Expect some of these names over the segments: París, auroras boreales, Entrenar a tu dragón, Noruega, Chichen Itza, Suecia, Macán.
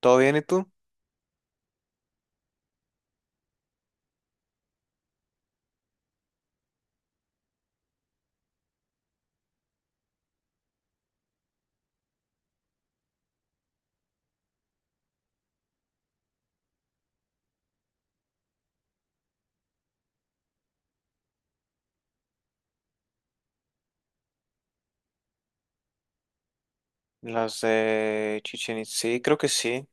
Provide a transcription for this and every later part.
¿Todo bien y tú? Las de Chichen Itza, sí, creo que sí.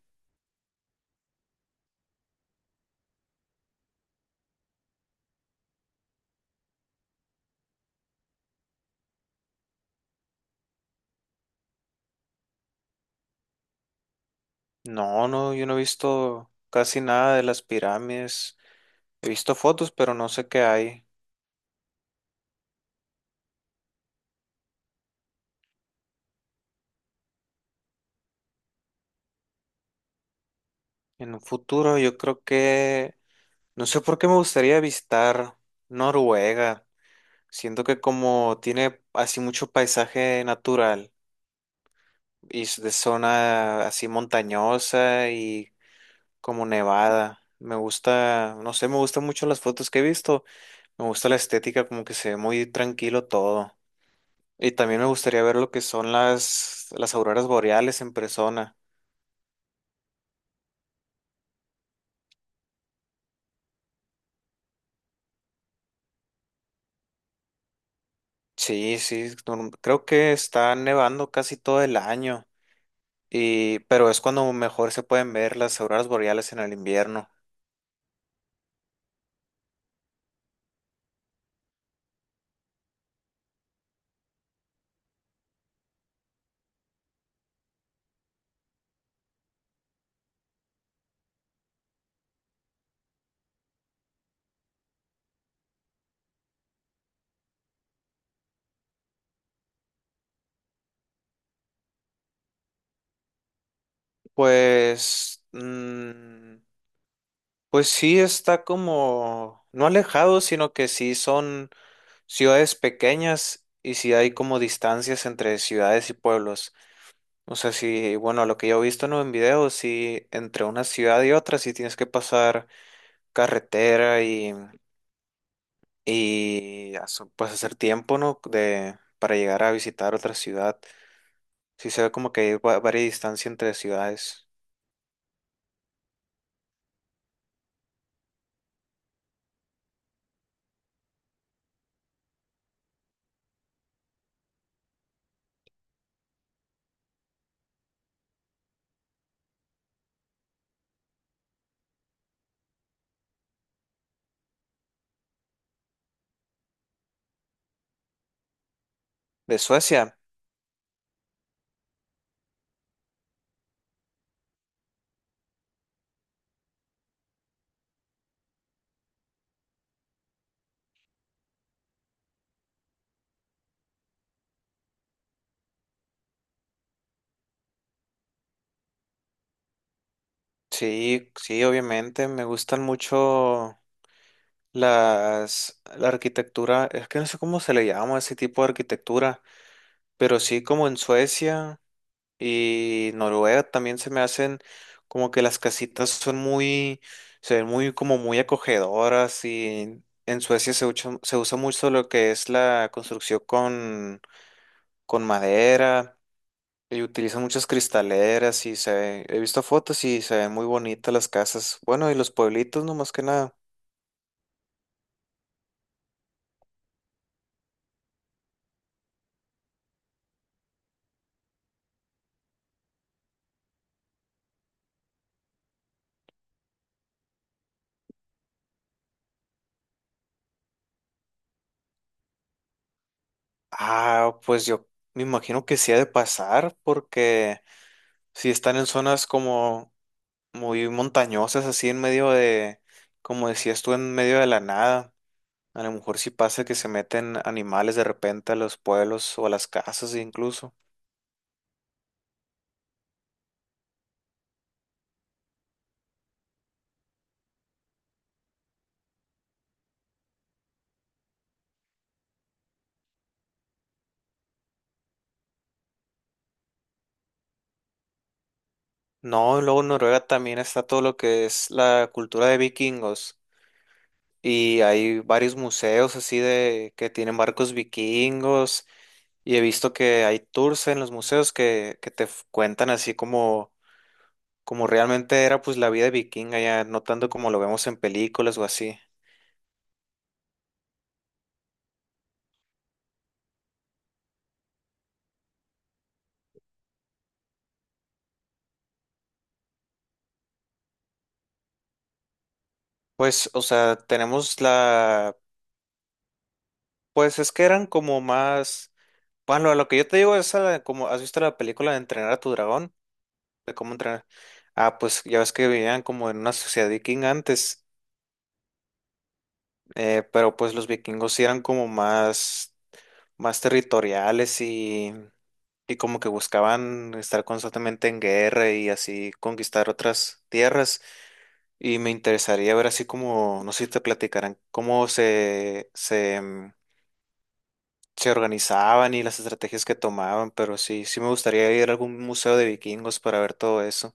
No, no, yo no he visto casi nada de las pirámides. He visto fotos, pero no sé qué hay. En un futuro, yo creo que no sé por qué me gustaría visitar Noruega. Siento que como tiene así mucho paisaje natural y es de zona así montañosa y como nevada. Me gusta, no sé, me gustan mucho las fotos que he visto. Me gusta la estética, como que se ve muy tranquilo todo. Y también me gustaría ver lo que son las auroras boreales en persona. Sí, sí, creo que está nevando casi todo el año. Pero es cuando mejor se pueden ver las auroras boreales en el invierno. Pues, mm, pues sí está como, no alejado, sino que sí son ciudades pequeñas y sí hay como distancias entre ciudades y pueblos. O sea, sí, bueno, lo que yo he visto, ¿no?, en videos, sí, entre una ciudad y otra, sí tienes que pasar carretera y pues hacer tiempo, ¿no? Para llegar a visitar otra ciudad. Sí se ve como que hay varias distancia entre ciudades. De Suecia, sí, sí, obviamente, me gustan mucho la arquitectura, es que no sé cómo se le llama a ese tipo de arquitectura, pero sí como en Suecia. Y Noruega también se me hacen como que las casitas se ven muy como muy acogedoras. Y en Suecia se usa mucho lo que es la construcción con madera y utilizan muchas cristaleras y he visto fotos y se ven muy bonitas las casas. Bueno, y los pueblitos no más que nada. Ah, pues yo me imagino que sí ha de pasar porque si están en zonas como muy montañosas, así en medio de, como decías tú, en medio de la nada. A lo mejor sí pasa que se meten animales de repente a los pueblos o a las casas incluso. No, luego en Noruega también está todo lo que es la cultura de vikingos y hay varios museos así de que tienen barcos vikingos, y he visto que hay tours en los museos que te cuentan así como, como realmente era pues la vida vikinga, ya no tanto como lo vemos en películas o así. Pues, o sea, tenemos pues es que eran como más, bueno, a lo que yo te digo es como, ¿has visto la película de Entrenar a tu dragón? De cómo entrenar. Ah, pues ya ves que vivían como en una sociedad vikinga antes, pero pues los vikingos sí eran como más, territoriales y como que buscaban estar constantemente en guerra y así conquistar otras tierras. Y me interesaría ver así como, no sé si te platicarán, cómo se organizaban y las estrategias que tomaban, pero sí, sí me gustaría ir a algún museo de vikingos para ver todo eso.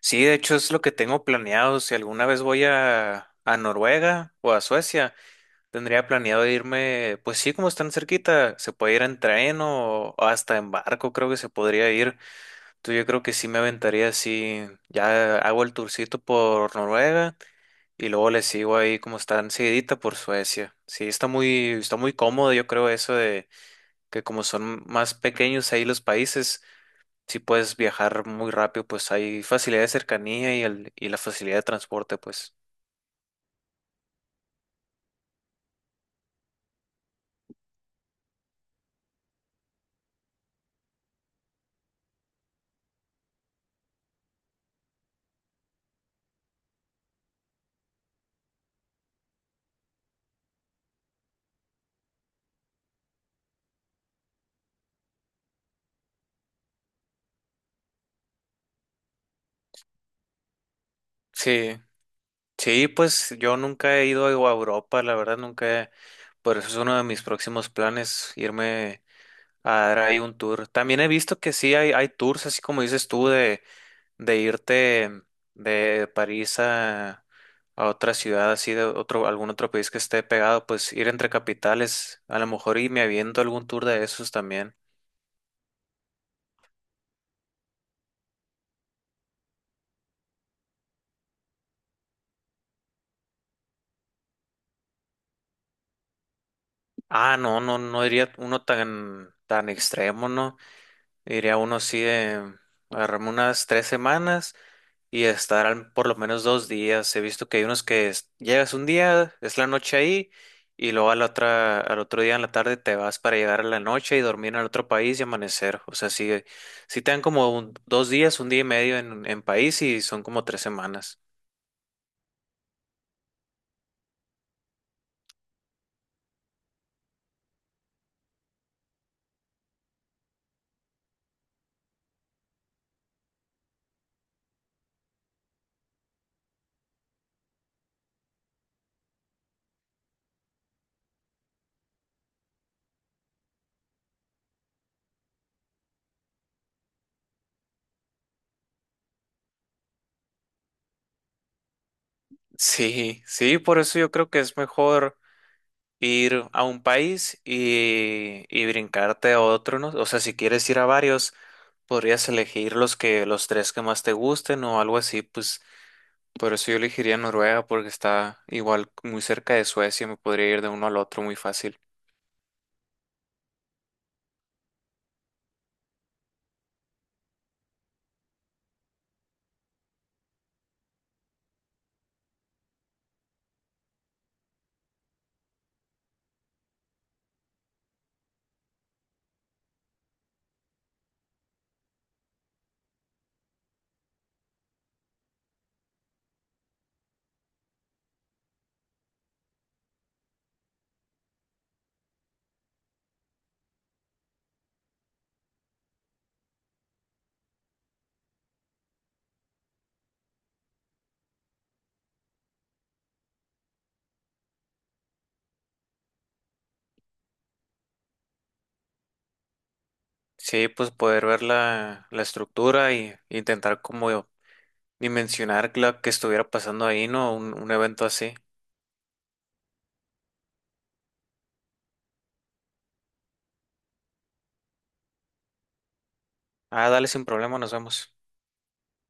Sí, de hecho es lo que tengo planeado. Si alguna vez voy a Noruega o a Suecia, tendría planeado irme, pues sí, como están cerquita, se puede ir en tren o hasta en barco, creo que se podría ir. Entonces yo creo que sí me aventaría así, ya hago el tourcito por Noruega. Y luego le sigo ahí como están seguidita por Suecia. Sí, está muy cómodo, yo creo, eso que como son más pequeños ahí los países, si puedes viajar muy rápido, pues hay facilidad de cercanía y, y la facilidad de transporte, pues. Sí, sí, pues yo nunca he ido a Europa, la verdad, nunca he- por eso es uno de mis próximos planes, irme a dar ahí un tour. También he visto que sí hay tours, así como dices tú, de irte de París a otra ciudad así algún otro país que esté pegado, pues ir entre capitales, a lo mejor, y me aviento algún tour de esos también. Ah, no, no, no iría uno tan, tan extremo, ¿no? Iría uno así de agarrarme unas 3 semanas y estarán por lo menos 2 días. He visto que hay unos que llegas un día, es la noche ahí, y luego a la otra, al otro día en la tarde te vas para llegar a la noche y dormir en el otro país y amanecer. O sea, sí, sí te dan como 2 días, 1 día y medio en país y son como 3 semanas. Sí, sí, por eso yo creo que es mejor ir a un país y brincarte a otro, ¿no? O sea, si quieres ir a varios, podrías elegir los tres que más te gusten o algo así, pues. Por eso yo elegiría Noruega porque está igual muy cerca de Suecia, me podría ir de uno al otro muy fácil. Sí, pues poder ver la estructura y intentar como dimensionar la que estuviera pasando ahí, ¿no? Un evento así. Ah, dale sin problema, nos vemos.